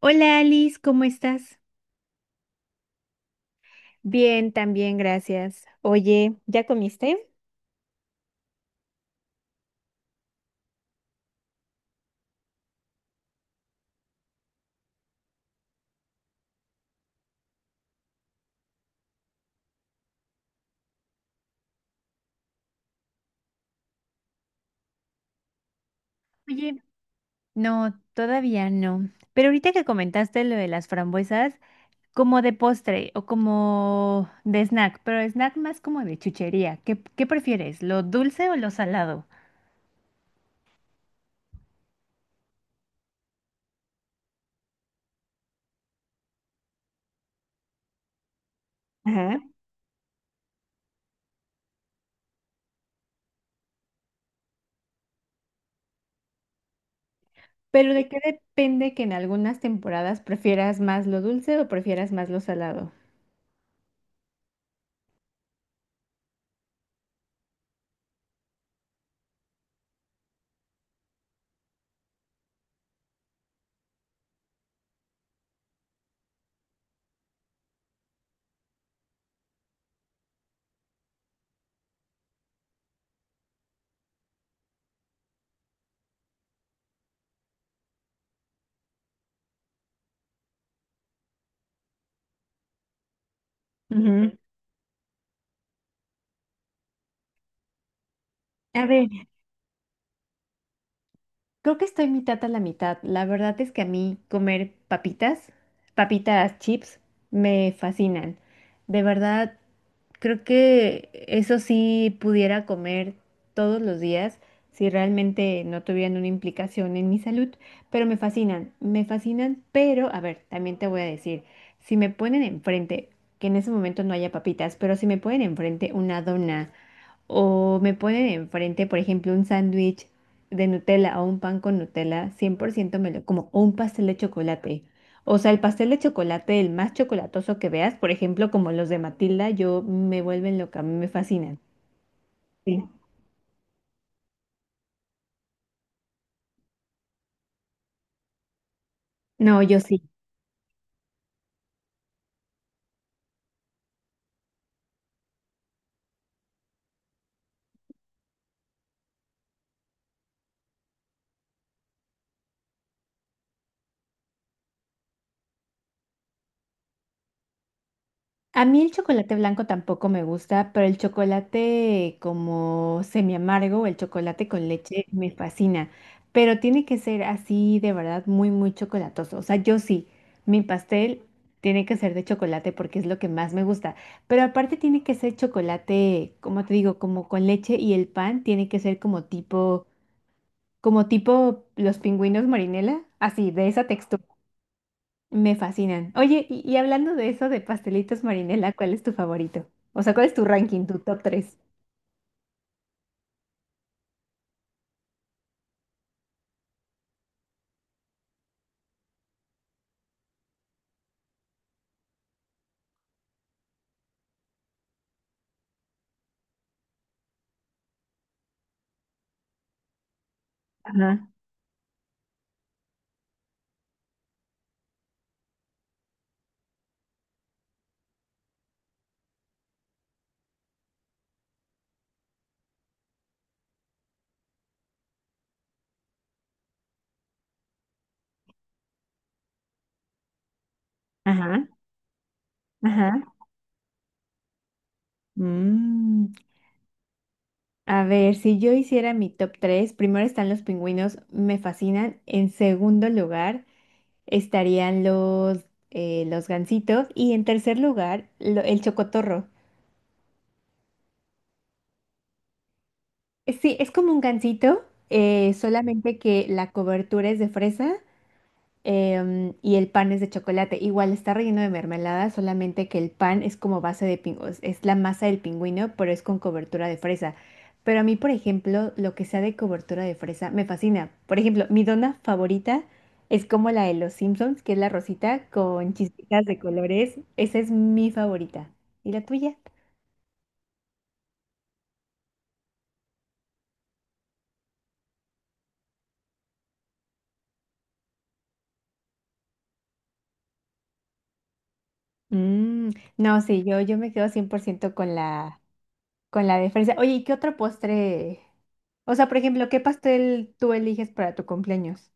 Hola Alice, ¿cómo estás? Bien, también, gracias. Oye, ¿ya comiste? Oye, no, todavía no. Pero ahorita que comentaste lo de las frambuesas, como de postre o como de snack, pero snack más como de chuchería. ¿Qué prefieres, lo dulce o lo salado? Ajá. Pero ¿de qué depende que en algunas temporadas prefieras más lo dulce o prefieras más lo salado? Ujú. A ver, creo que estoy mitad a la mitad. La verdad es que a mí comer papitas, papitas chips, me fascinan. De verdad, creo que eso sí pudiera comer todos los días si realmente no tuvieran una implicación en mi salud, pero me fascinan, pero a ver, también te voy a decir, si me ponen enfrente, que en ese momento no haya papitas, pero si me ponen enfrente una dona, o me ponen enfrente, por ejemplo, un sándwich de Nutella o un pan con Nutella, 100% me lo como, o un pastel de chocolate. O sea, el pastel de chocolate, el más chocolatoso que veas, por ejemplo, como los de Matilda, yo me vuelven loca, me fascinan. Sí. No, yo sí. A mí el chocolate blanco tampoco me gusta, pero el chocolate como semi amargo, el chocolate con leche me fascina, pero tiene que ser así de verdad muy muy chocolatoso. O sea, yo sí, mi pastel tiene que ser de chocolate porque es lo que más me gusta, pero aparte tiene que ser chocolate, como te digo, como con leche y el pan tiene que ser como tipo los pingüinos marinela, así de esa textura. Me fascinan. Oye, y hablando de eso de pastelitos Marinela, ¿cuál es tu favorito? O sea, ¿cuál es tu ranking, tu top tres? Ajá, ajá, ajá. Mm, a ver, si yo hiciera mi top 3, primero están los pingüinos, me fascinan. En segundo lugar estarían los gansitos. Y en tercer lugar, el chocotorro. Sí, es como un gansito, solamente que la cobertura es de fresa y el pan es de chocolate. Igual está relleno de mermelada, solamente que el pan es como base de pingüinos, es la masa del pingüino, pero es con cobertura de fresa. Pero a mí, por ejemplo, lo que sea de cobertura de fresa me fascina. Por ejemplo, mi dona favorita es como la de los Simpsons, que es la rosita con chispitas de colores. Esa es mi favorita. ¿Y la tuya? Mm, no, sí, yo me quedo 100% con con la de fresa. Oye, ¿y qué otro postre? O sea, por ejemplo, ¿qué pastel tú eliges para tu cumpleaños?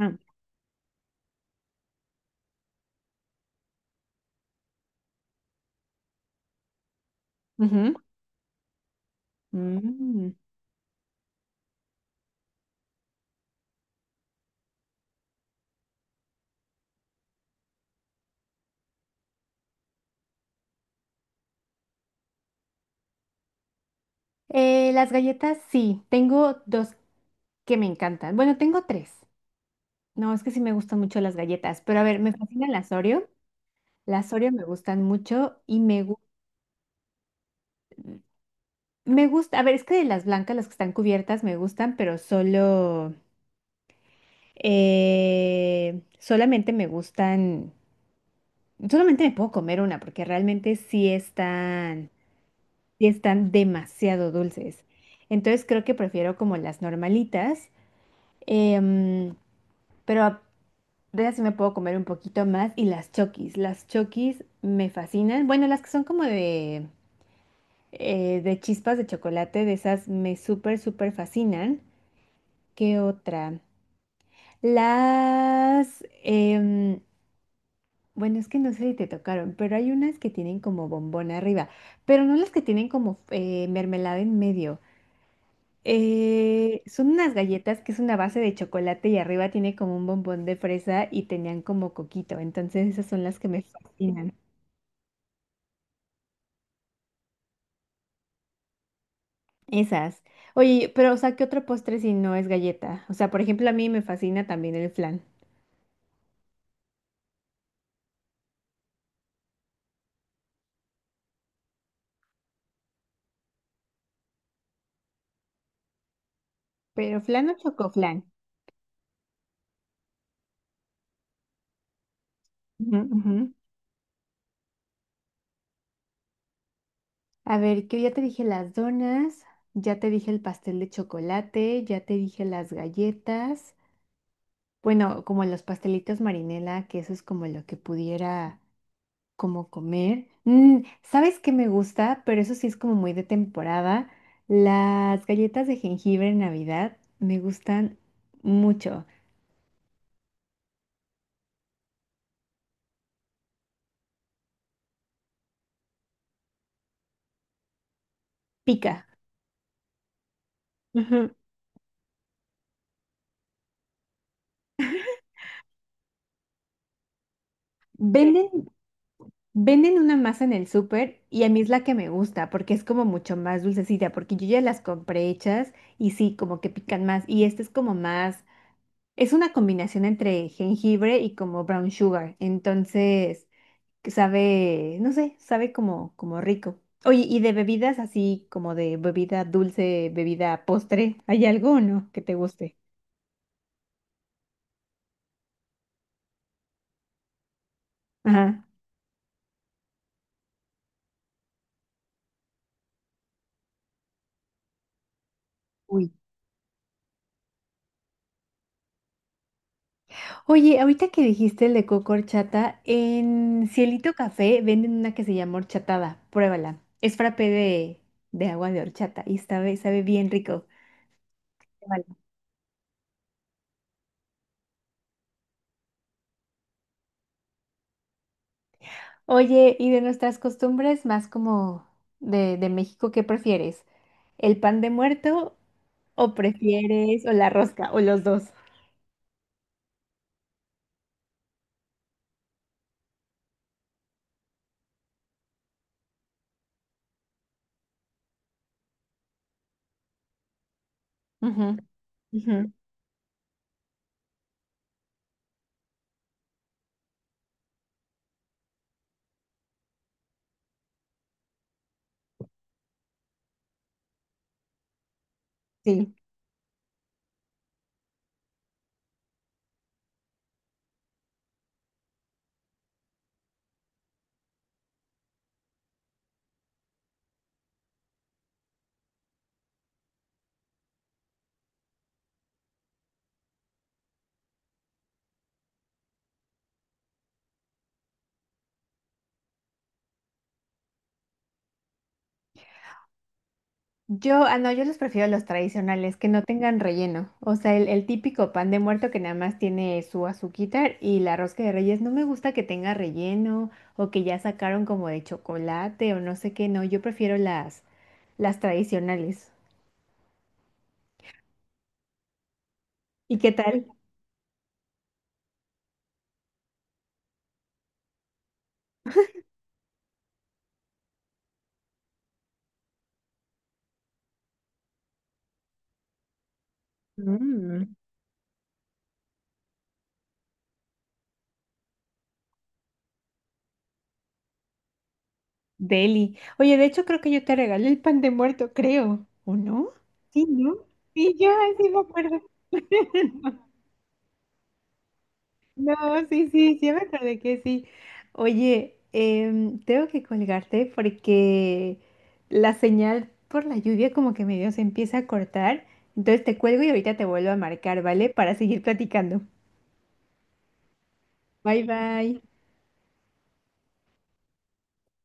Mm. Ujú. Mm. Las galletas, sí, tengo dos que me encantan. Bueno, tengo tres. No, es que sí me gustan mucho las galletas, pero a ver, me fascinan las Oreo. Las Oreo me gustan mucho me gusta, a ver, es que de las blancas, las que están cubiertas, me gustan, pero eh, solamente me gustan Solamente me puedo comer una porque realmente sí están demasiado dulces. Entonces creo que prefiero como las normalitas, em, pero a- de esas sí me puedo comer un poquito más y las chokis. Las chokis me fascinan. Bueno, las que son como de chispas de chocolate, de esas me súper, súper fascinan. ¿Qué otra? Las... em, Bueno, es que no sé si te tocaron, pero hay unas que tienen como bombón arriba, pero no las que tienen como mermelada en medio. Son unas galletas que es una base de chocolate y arriba tiene como un bombón de fresa y tenían como coquito. Entonces esas son las que me fascinan. Esas. Oye, pero o sea, ¿qué otro postre si no es galleta? O sea, por ejemplo, a mí me fascina también el flan, pero flan o chocoflan. Ujú, ujú. A ver, que ya te dije las donas, ya te dije el pastel de chocolate, ya te dije las galletas, bueno, como los pastelitos marinela, que eso es como lo que pudiera como comer. Mm, ¿sabes qué me gusta? Pero eso sí es como muy de temporada. Las galletas de jengibre en Navidad me gustan mucho. Pica. Ujú. Sí. Venden Venden una masa en el súper y a mí es la que me gusta porque es como mucho más dulcecita, porque yo ya las compré hechas y sí, como que pican más. Y este es como más, es una combinación entre jengibre y como brown sugar. Entonces, que sabe, no sé, sabe como, como rico. Oye, y de bebidas así como de bebida dulce, bebida postre, ¿hay algo o no que te guste? Ajá. Uy. Oye, ahorita que dijiste el de coco horchata, en Cielito Café venden una que se llama horchatada. Pruébala. Es frappé de agua de horchata y sabe, sabe bien rico. Pruébala. Oye, y de nuestras costumbres más como de México, ¿qué prefieres? ¿El pan de muerto o prefieres o la rosca o los dos? Ujú, ujú. Sí. No, yo los prefiero los tradicionales, que no tengan relleno. O sea, el típico pan de muerto que nada más tiene su azuquita y la rosca de reyes. No me gusta que tenga relleno o que ya sacaron como de chocolate o no sé qué. No, yo prefiero las tradicionales. ¿Y qué tal? Mm. Deli. Oye, de hecho creo que yo te regalé el pan de muerto, creo. ¿O no? Sí, ¿no? Sí, yo así me acuerdo. No, sí, sí, sí me acordé que sí. Oye, tengo que colgarte porque la señal por la lluvia como que medio se empieza a cortar. Entonces te cuelgo y ahorita te vuelvo a marcar, ¿vale? Para seguir platicando. Bye, bye.